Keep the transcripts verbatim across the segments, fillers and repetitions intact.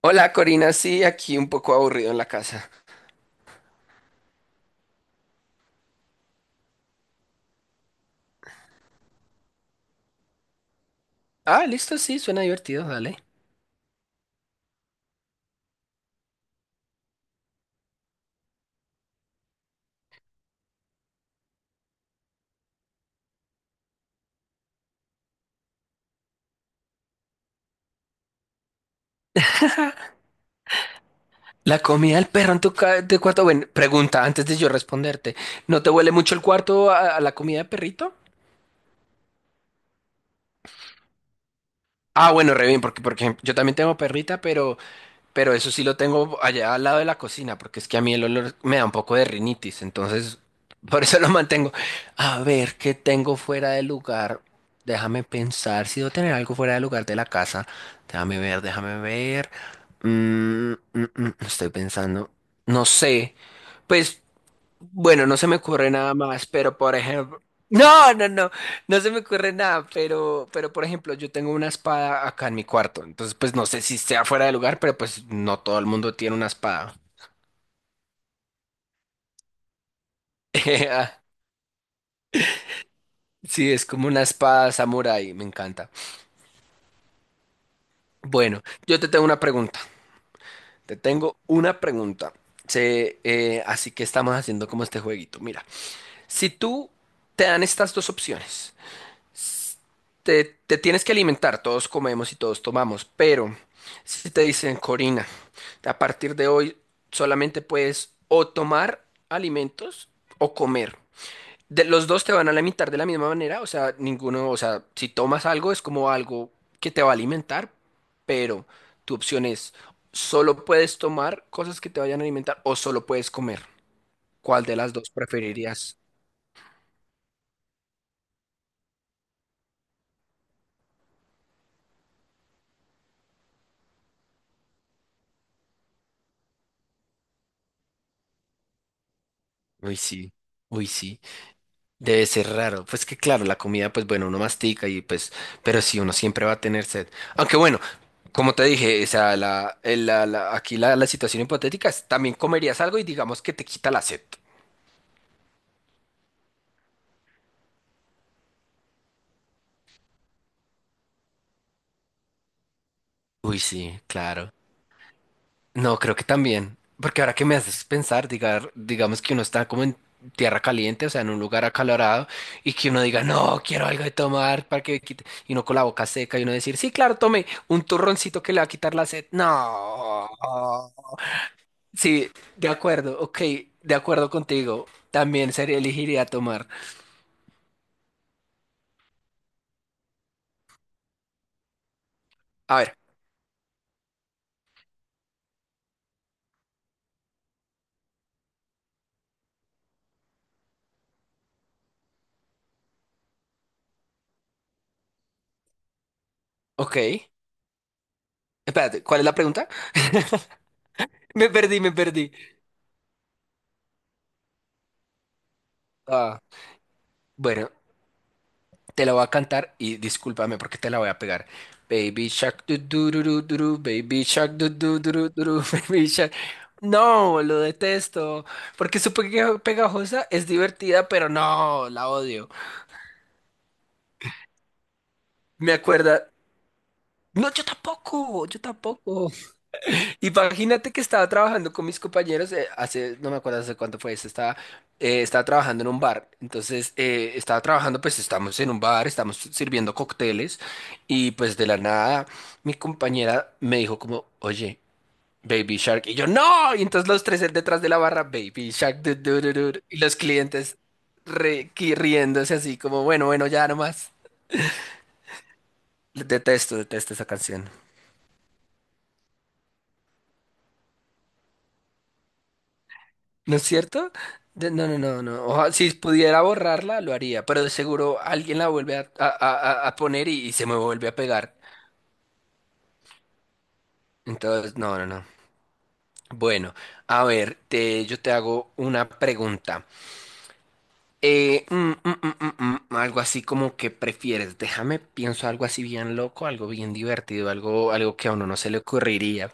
Hola Corina, sí, aquí un poco aburrido en la casa. Ah, listo, sí, suena divertido, dale. La comida del perro en tu, ca- tu cuarto, bueno, pregunta antes de yo responderte. ¿No te huele mucho el cuarto a, a la comida de perrito? Ah, bueno, re bien, porque, porque yo también tengo perrita, pero Pero eso sí lo tengo allá al lado de la cocina, porque es que a mí el olor me da un poco de rinitis, entonces por eso lo mantengo. A ver, ¿qué tengo fuera de lugar? Déjame pensar, si debo tener algo fuera de lugar de la casa. Déjame ver, déjame ver. Mm, mm, mm, mm, estoy pensando. No sé. Pues. Bueno, no se me ocurre nada más, pero por ejemplo, no, no, no, no se me ocurre nada, pero, pero por ejemplo, yo tengo una espada acá en mi cuarto, entonces pues no sé si sea fuera de lugar, pero pues no todo el mundo tiene una espada. Ah, sí, es como una espada samurái, me encanta. Bueno, yo te tengo una pregunta, te tengo una pregunta. Se- eh, así que estamos haciendo como este jueguito. Mira, si tú te dan estas dos opciones. te, te tienes que alimentar, todos comemos y todos tomamos, pero si te dicen, Corina, a partir de hoy solamente puedes o tomar alimentos o comer. De, los dos te van a alimentar de la misma manera, o sea, ninguno, o sea, si tomas algo es como algo que te va a alimentar, pero tu opción es, solo puedes tomar cosas que te vayan a alimentar o solo puedes comer. ¿Cuál de las dos preferirías? Uy, sí. Uy, sí. Debe ser raro. Pues que claro, la comida, pues bueno, uno mastica y pues, pero sí, uno siempre va a tener sed. Aunque bueno, como te dije, o sea, la, el- la- la- aquí la, la situación hipotética es, también comerías algo y digamos que te quita la sed. Uy, sí, claro. No, creo que también. Porque ahora que me haces pensar, diga- digamos que uno está como en tierra caliente, o sea, en un lugar acalorado, y que uno diga, no, quiero algo de tomar para que me quite. Y uno con la boca seca y uno decir, sí, claro, tome un turroncito que le va a quitar la sed. No. Sí, de acuerdo, ok, de acuerdo contigo. También sería elegiría tomar. A ver, ok. Espérate, ¿cuál es la pregunta? Me perdí, me perdí. Ah, bueno, te la voy a cantar y discúlpame porque te la voy a pegar. Baby Shark, du, du, du, du, du, du, Baby Shark, du, du, du, du, du, Baby Shark. No, lo detesto. Porque su pega- pegajosa es divertida, pero no, la odio. Me acuerda. No, yo tampoco, yo tampoco. Imagínate que estaba trabajando con mis compañeros, eh, hace, no me acuerdo hace cuánto fue esto, estaba, eh, estaba trabajando en un bar. Entonces, eh, estaba trabajando, pues estamos en un bar, estamos sirviendo cócteles y pues de la nada mi compañera me dijo como, oye, Baby Shark. Y yo, no. Y entonces los tres detrás de la barra, Baby Shark. Du- du- du- du", du. Y los clientes re- qui- riéndose así como, bueno, bueno, ya nomás. Detesto, detesto esa canción. ¿No es cierto? De- no, no, no, no. Oja- si pudiera borrarla, lo haría, pero de seguro alguien la vuelve a, a- a- a poner y, y se me vuelve a pegar. Entonces, no, no, no. Bueno, a ver, te, yo te hago una pregunta. Eh, mm, mm, mm, mm, mm, algo así como que prefieres. Déjame, pienso algo así bien loco, algo bien divertido, algo, algo que a uno no se le ocurriría.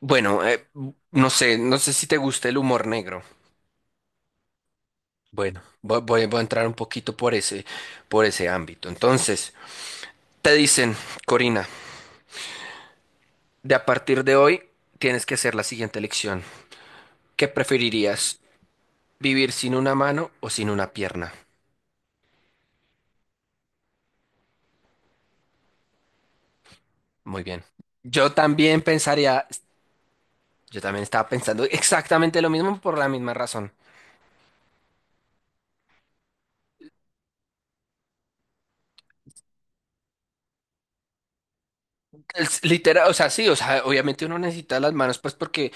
Bueno, eh, no sé, no sé si te gusta el humor negro. Bueno, voy, voy voy a entrar un poquito por ese, por ese ámbito. Entonces. Te dicen, Corina, de a partir de hoy tienes que hacer la siguiente elección. ¿Qué preferirías? ¿Vivir sin una mano o sin una pierna? Muy bien. Yo también pensaría, yo también estaba pensando exactamente lo mismo por la misma razón. Es literal, o sea, sí, o sea, obviamente uno necesita las manos, pues porque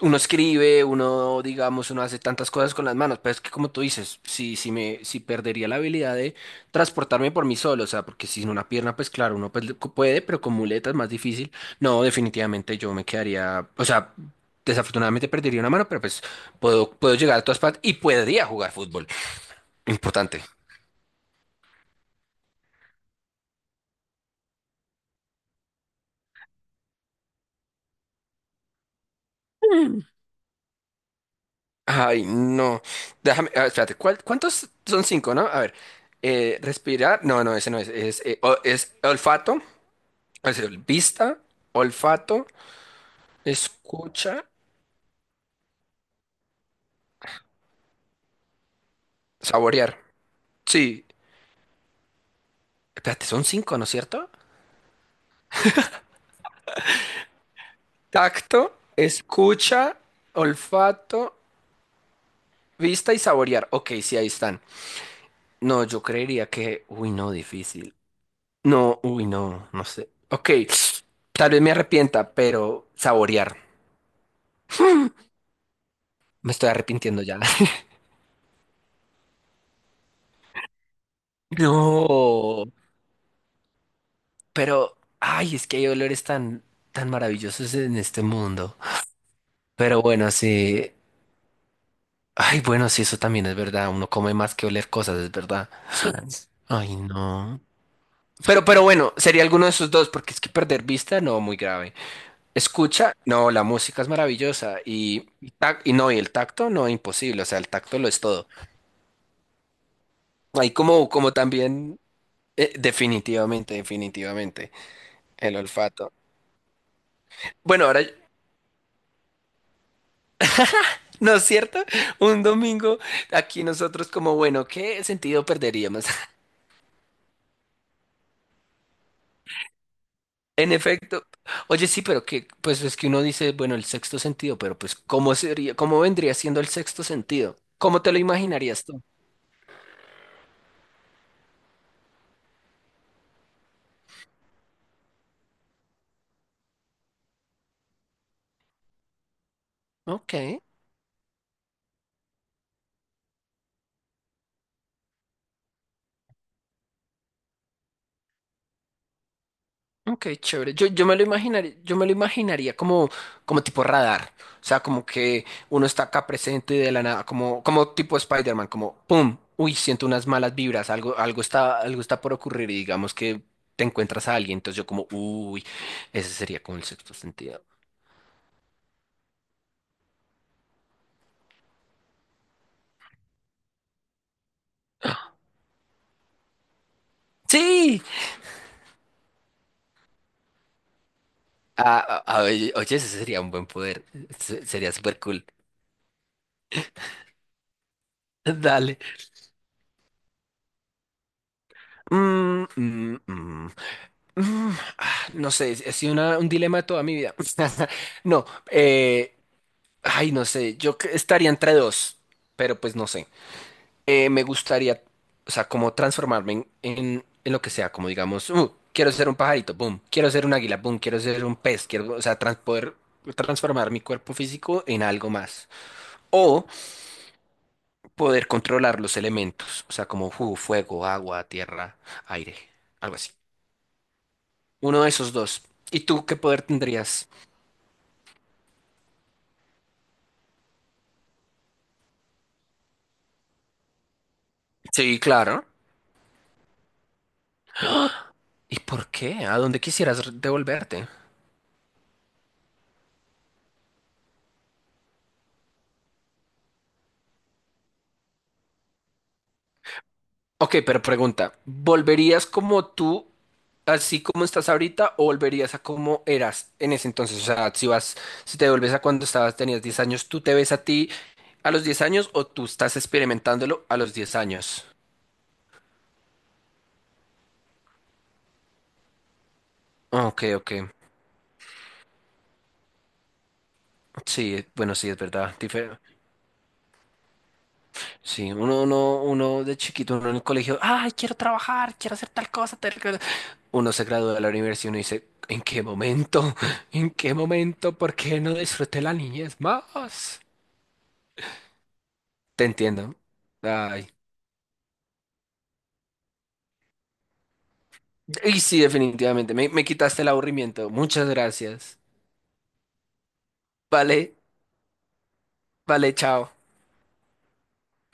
uno escribe, uno, digamos, uno hace tantas cosas con las manos, pero es que como tú dices, si, si me, si perdería la habilidad de transportarme por mí solo, o sea, porque sin una pierna, pues claro, uno pues, puede, pero con muletas es más difícil. No, definitivamente yo me quedaría, o sea, desafortunadamente perdería una mano, pero pues puedo, puedo llegar a todas partes y podría jugar fútbol. Importante. Mm. Ay, no. Déjame, a ver, espérate, ¿cuál- cuántos son cinco, no? A ver, eh, respirar, no, no, ese no es, es, eh, o- es olfato. Es el vista, olfato, escucha, saborear. Sí. Espérate, son cinco, ¿no es cierto? Tacto, escucha, olfato, vista y saborear. Ok, sí, ahí están. No, yo creería que... Uy, no, difícil. No, uy, no, no sé. Ok, tal vez me arrepienta, pero saborear. Me estoy arrepintiendo ya. No, pero... Ay, es que hay olores tan, tan maravillosos en este mundo. Pero bueno, sí. Ay, bueno, sí, eso también es verdad. Uno come más que oler cosas, es verdad. Ay, no. Pero, pero bueno, sería alguno de esos dos, porque es que perder vista, no, muy grave. Escucha, no, la música es maravillosa. Y, y, tac- y no, y el tacto, no, imposible. O sea, el tacto lo es todo. Ahí como, como también, eh, definitivamente, definitivamente, el olfato. Bueno, ahora, ¿no es cierto? Un domingo, aquí nosotros como, bueno, ¿qué sentido perderíamos? En efecto. Oye, sí, pero que, pues es que uno dice, bueno, el sexto sentido, pero pues, ¿cómo sería, cómo vendría siendo el sexto sentido? ¿Cómo te lo imaginarías tú? Ok, ok, chévere. Yo, yo me lo imaginaría, yo me lo imaginaría como, como tipo radar. O sea, como que uno está acá presente y de la nada, como, como tipo Spider-Man, como ¡pum! Uy, siento unas malas vibras, algo, algo está, algo está por ocurrir y digamos que te encuentras a alguien. Entonces yo como, uy, ese sería como el sexto sentido. Sí, ah, ah, ah, oye, oye, ese sería un buen poder. Se- sería súper cool. Dale. Mm, mm, mm, mm. Ah, no sé, ha sido una- un dilema de toda mi vida. No, eh, ay, no sé, yo que- estaría entre dos, pero pues no sé. Eh, me gustaría, o sea, como transformarme en, en- en lo que sea, como digamos, uh, quiero ser un pajarito, boom, quiero ser un águila, boom, quiero ser un pez, quiero, o sea, trans- poder transformar mi cuerpo físico en algo más. O poder controlar los elementos, o sea, como fu- fuego, agua, tierra, aire, algo así. Uno de esos dos. ¿Y tú qué poder tendrías? Sí, claro. ¿Y por qué? ¿A dónde quisieras re- devolverte? Ok, pero pregunta, ¿volverías como tú, así como estás ahorita, o volverías a como eras en ese entonces? O sea, si vas, si te devuelves a cuando estabas, tenías diez años, ¿tú te ves a ti a los diez años o tú estás experimentándolo a los diez años? Ok, ok. Sí, bueno, sí, es verdad. Sí, uno, uno, uno de chiquito, uno en el colegio, ay, quiero trabajar, quiero hacer tal cosa, tal cosa. Uno se gradúa de la universidad y uno dice, ¿en qué momento? ¿En qué momento? ¿Por qué no disfruté la niñez más? Te entiendo. Ay. Y sí, definitivamente, me, me quitaste el aburrimiento. Muchas gracias. Vale, vale, chao.